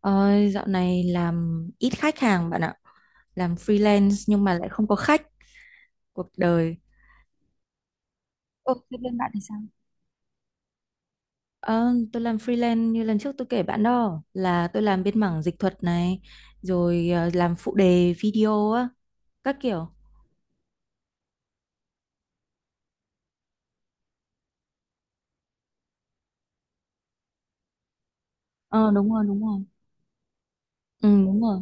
Ôi, dạo này làm ít khách hàng bạn ạ. Làm freelance nhưng mà lại không có khách cuộc đời. Ồ, thế bên bạn thì sao? Ờ, tôi làm freelance như lần trước tôi kể bạn đó là tôi làm bên mảng dịch thuật này rồi làm phụ đề video á các kiểu. Ờ đúng rồi, đúng rồi. Ừ. Đúng rồi.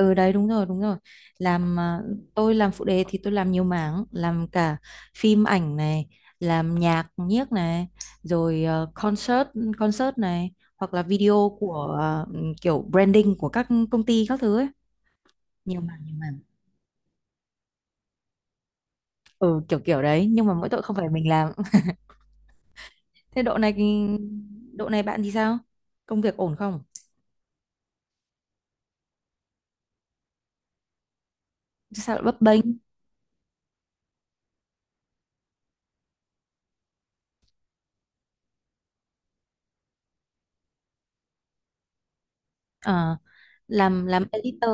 Ừ đấy, đúng rồi, đúng rồi, làm tôi làm phụ đề thì tôi làm nhiều mảng, làm cả phim ảnh này, làm nhạc nhiếc này, rồi ờ, concert concert này, hoặc là video của kiểu branding của các công ty các thứ ấy, nhiều mảng. Ừ, kiểu kiểu đấy, nhưng mà mỗi tội không phải mình làm. Thế độ này, độ này bạn thì sao, công việc ổn không? Chứ sao lại bấp bênh? Ờ, làm editor,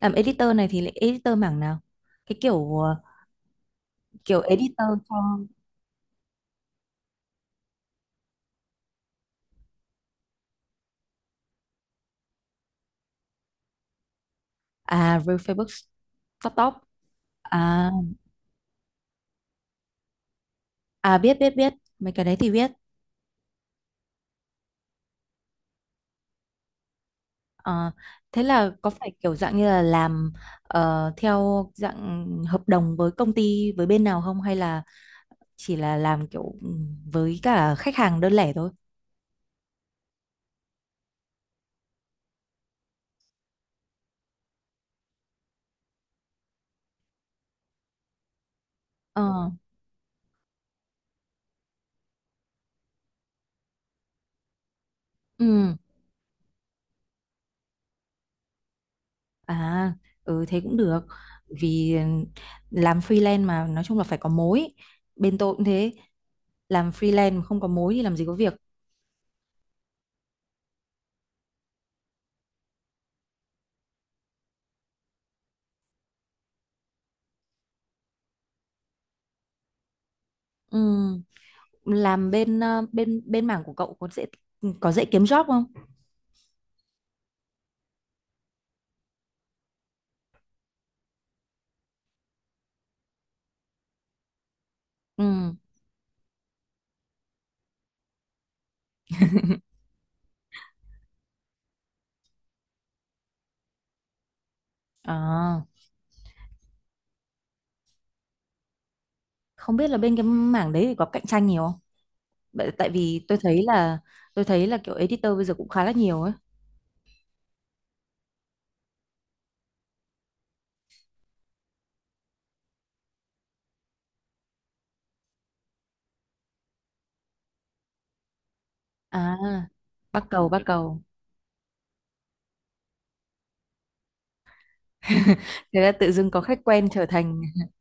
làm editor này thì lại editor mảng nào, cái kiểu kiểu editor cho. À, real Facebook. Top. À, à biết biết biết, mấy cái đấy thì biết. Ờ, thế là có phải kiểu dạng như là làm theo dạng hợp đồng với công ty với bên nào không, hay là chỉ là làm kiểu với cả khách hàng đơn lẻ thôi? Ờ, ừ, à, ừ thế cũng được. Vì làm freelance mà nói chung là phải có mối. Bên tôi cũng thế, làm freelance mà không có mối thì làm gì có việc. Ừ. Làm bên ờ, bên bên mảng của cậu có dễ, có dễ kiếm job không? Ừ. À, không biết là bên cái mảng đấy thì có cạnh tranh nhiều không? Tại vì tôi thấy là, tôi thấy là kiểu editor bây giờ cũng khá là nhiều ấy. À, bắc cầu. Thế là tự dưng có khách quen trở thành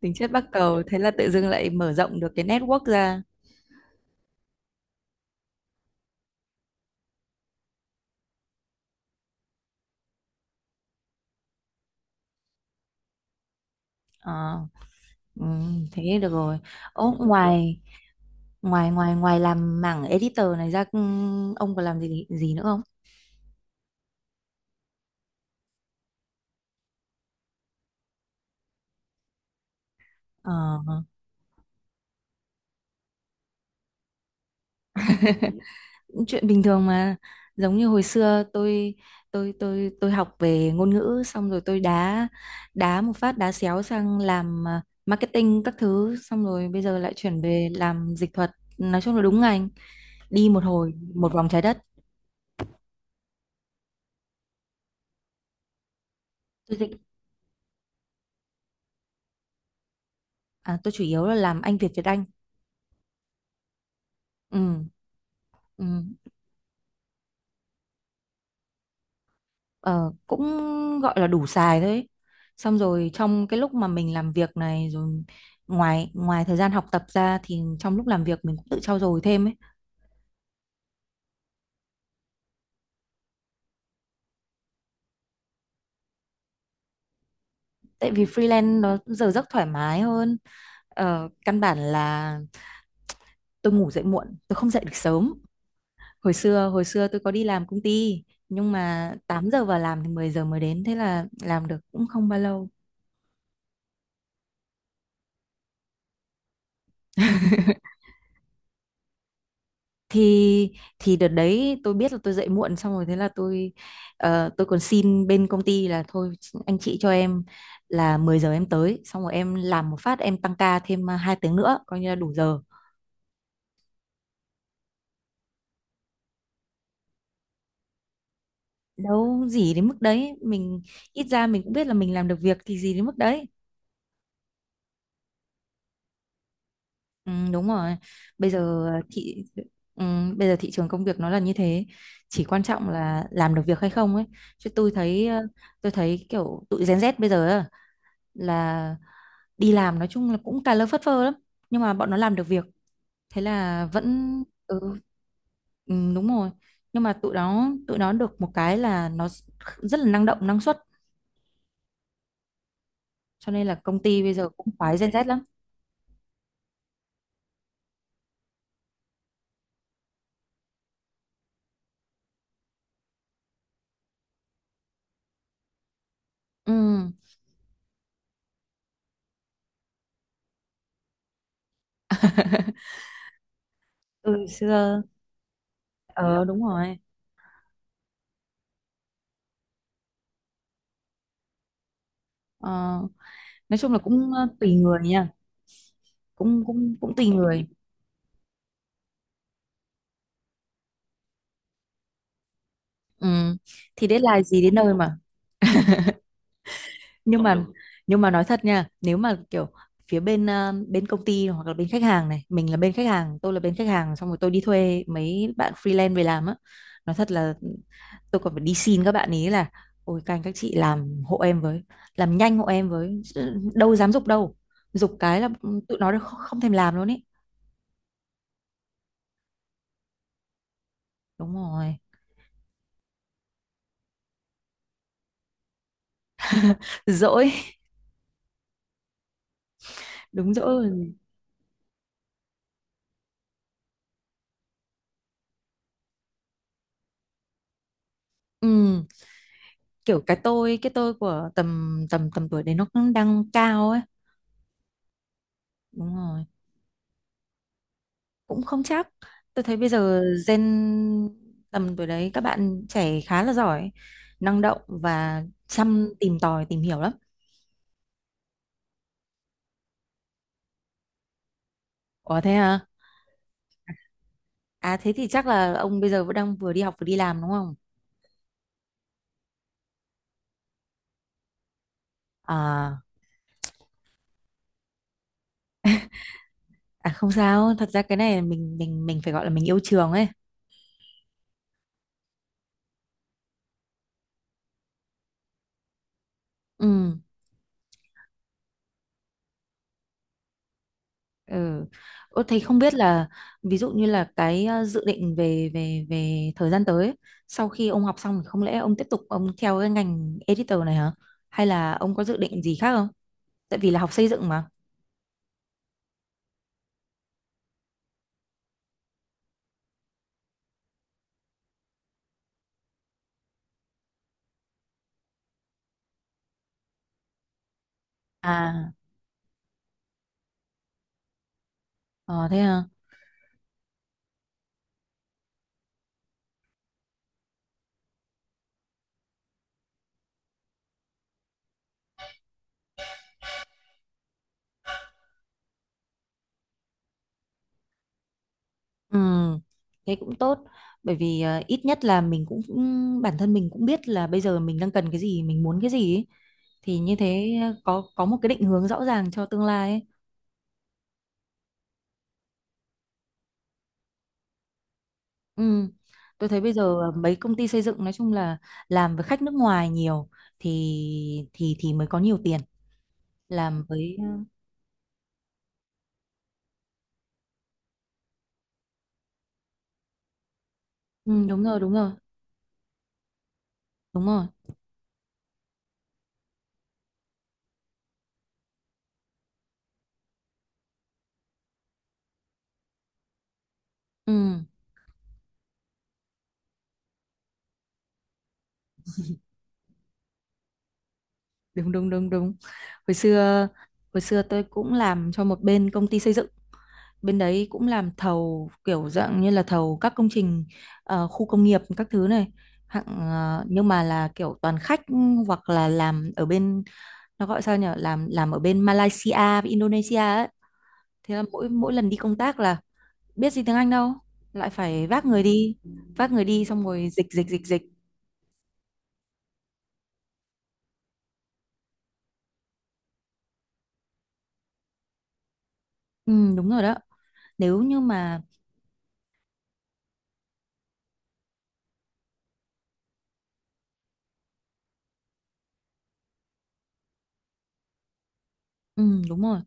tính chất bắc cầu, thế là tự dưng lại mở rộng được cái network ra. À, ừ, thế được rồi. Ố, ngoài ngoài ngoài ngoài làm mảng editor này ra ông còn làm gì gì nữa không? Ờ, chuyện bình thường mà, giống như hồi xưa tôi, tôi học về ngôn ngữ xong rồi tôi đá, đá một phát đá xéo sang làm marketing các thứ, xong rồi bây giờ lại chuyển về làm dịch thuật. Nói chung là đúng ngành, đi một hồi một vòng trái đất. Tôi dịch, à, tôi chủ yếu là làm Anh Việt Việt Anh. Ừ, ừ. Ờ, cũng gọi là đủ xài thôi ấy. Xong rồi trong cái lúc mà mình làm việc này rồi, ngoài, ngoài thời gian học tập ra thì trong lúc làm việc mình cũng tự trau dồi thêm ấy. Tại vì freelance nó giờ giấc thoải mái hơn, căn bản là tôi ngủ dậy muộn, tôi không dậy được sớm. Hồi xưa tôi có đi làm công ty nhưng mà 8 giờ vào làm thì 10 giờ mới đến, thế là làm được cũng không bao lâu. thì thì đợt đấy tôi biết là tôi dậy muộn xong rồi thế là tôi, tôi còn xin bên công ty là thôi, anh chị cho em là 10 giờ em tới xong rồi em làm một phát em tăng ca thêm 2 tiếng nữa coi như là đủ giờ. Đâu gì đến mức đấy mình, ít ra mình cũng biết là mình làm được việc thì gì đến mức đấy. Ừ, đúng rồi, bây giờ thị, ừ, bây giờ thị trường công việc nó là như thế, chỉ quan trọng là làm được việc hay không ấy. Chứ tôi thấy tôi thấy kiểu tụi Gen Z bây giờ á, là đi làm nói chung là cũng cà lơ phất phơ lắm, nhưng mà bọn nó làm được việc, thế là vẫn. Ừ, ừ, đúng rồi, nhưng mà tụi nó được một cái là nó rất là năng động năng suất, cho nên là công ty bây giờ cũng khoái Gen Z lắm. Ừ. Từ xưa. Ờ đúng rồi. Ờ, nói chung là cũng tùy người nha, cũng cũng cũng tùy người. Ừ. Thì đến là gì đến nơi mà. Nhưng mà nhưng mà nói thật nha, nếu mà kiểu phía bên bên công ty hoặc là bên khách hàng này, mình là bên khách hàng, tôi là bên khách hàng, xong rồi tôi đi thuê mấy bạn freelance về làm á, nói thật là tôi còn phải đi xin các bạn ý là ôi các anh các chị làm hộ em với, làm nhanh hộ em với. Chứ đâu dám giục đâu, giục cái là tụi nó không không thèm làm luôn ý. Đúng rồi, dỗi. Đúng dỗi. Ừ, kiểu cái tôi, cái tôi của tầm tầm tầm tuổi đấy nó cũng đang cao ấy. Đúng rồi, cũng không chắc, tôi thấy bây giờ gen, tầm tuổi đấy các bạn trẻ khá là giỏi, năng động và chăm tìm tòi tìm hiểu lắm. Ủa thế à, à thế thì chắc là ông bây giờ vẫn đang vừa đi học vừa đi làm đúng không? À, à không sao, thật ra cái này mình, mình phải gọi là mình yêu trường ấy. Ừ. Ừ. Ủa, thấy không biết là ví dụ như là cái dự định về, về thời gian tới ấy, sau khi ông học xong thì không lẽ ông tiếp tục ông theo cái ngành editor này hả? Hay là ông có dự định gì khác không? Tại vì là học xây dựng mà. À, ờ, thế hả? Ừ, thế cũng tốt. Bởi vì ít nhất là mình cũng cũng- bản thân mình cũng biết là bây giờ mình đang cần cái gì, mình muốn cái gì ấy. Thì như thế có một cái định hướng rõ ràng cho tương lai ấy. Ừ. Tôi thấy bây giờ mấy công ty xây dựng nói chung là làm với khách nước ngoài nhiều thì, thì mới có nhiều tiền, làm với. Ừ, đúng rồi, đúng rồi, đúng rồi. Ừ, đúng đúng đúng đúng. Hồi xưa hồi xưa tôi cũng làm cho một bên công ty xây dựng, bên đấy cũng làm thầu kiểu dạng như là thầu các công trình khu công nghiệp các thứ này, hạng nhưng mà là kiểu toàn khách, hoặc là làm ở bên, nó gọi sao nhỉ, làm ở bên Malaysia với Indonesia ấy. Thế là mỗi mỗi lần đi công tác là biết gì tiếng Anh đâu, lại phải vác người đi xong rồi dịch dịch dịch dịch. Ừ, đúng rồi đó. Nếu như mà, ừ, đúng rồi.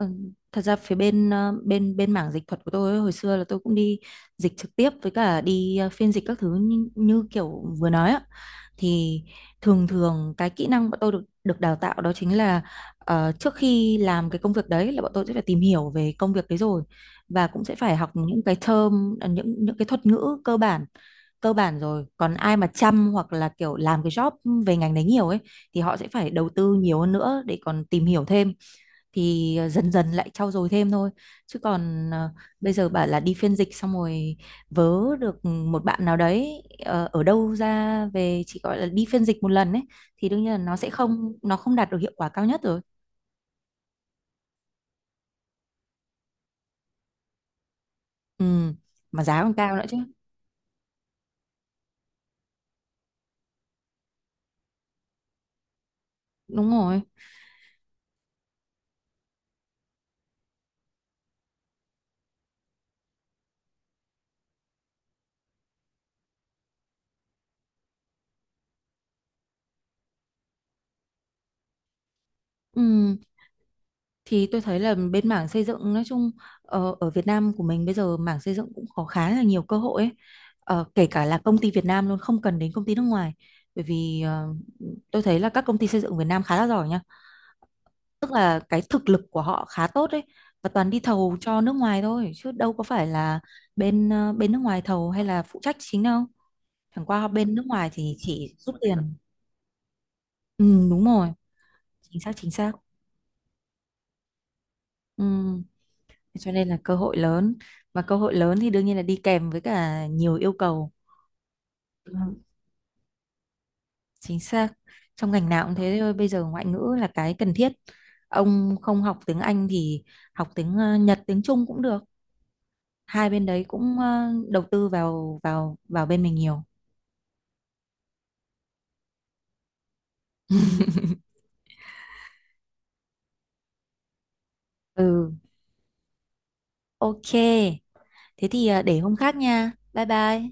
Ừ. Thật ra phía bên ờ, bên bên mảng dịch thuật của tôi ấy, hồi xưa là tôi cũng đi dịch trực tiếp với cả đi phiên dịch các thứ như, như kiểu vừa nói á, thì thường thường cái kỹ năng bọn tôi được được đào tạo đó chính là trước khi làm cái công việc đấy là bọn tôi sẽ phải tìm hiểu về công việc đấy rồi, và cũng sẽ phải học những cái term những cái thuật ngữ cơ bản, cơ bản rồi còn ai mà chăm hoặc là kiểu làm cái job về ngành đấy nhiều ấy thì họ sẽ phải đầu tư nhiều hơn nữa để còn tìm hiểu thêm, thì dần dần lại trau dồi thêm thôi. Chứ còn bây giờ bảo là đi phiên dịch xong rồi vớ được một bạn nào đấy ở đâu ra về chỉ gọi là đi phiên dịch một lần ấy, thì đương nhiên là nó sẽ không, nó không đạt được hiệu quả cao nhất rồi. Ừ, mà giá còn cao nữa chứ. Đúng rồi. Ừ. Thì tôi thấy là bên mảng xây dựng nói chung, ở Việt Nam của mình bây giờ mảng xây dựng cũng có khá là nhiều cơ hội ấy. Ờ, kể cả là công ty Việt Nam luôn, không cần đến công ty nước ngoài, bởi vì tôi thấy là các công ty xây dựng Việt Nam khá là giỏi nha, tức là cái thực lực của họ khá tốt ấy, và toàn đi thầu cho nước ngoài thôi chứ đâu có phải là bên bên nước ngoài thầu hay là phụ trách chính đâu, chẳng qua bên nước ngoài thì chỉ rút tiền. Ừ, đúng rồi, chính xác chính xác. Ừ. Thế cho nên là cơ hội lớn, và cơ hội lớn thì đương nhiên là đi kèm với cả nhiều yêu cầu. Ừ, chính xác, trong ngành nào cũng thế thôi, bây giờ ngoại ngữ là cái cần thiết. Ông không học tiếng Anh thì học tiếng Nhật, tiếng Trung cũng được, hai bên đấy cũng đầu tư vào, vào bên mình nhiều. Ừ, ok, thế thì để hôm khác nha, bye bye.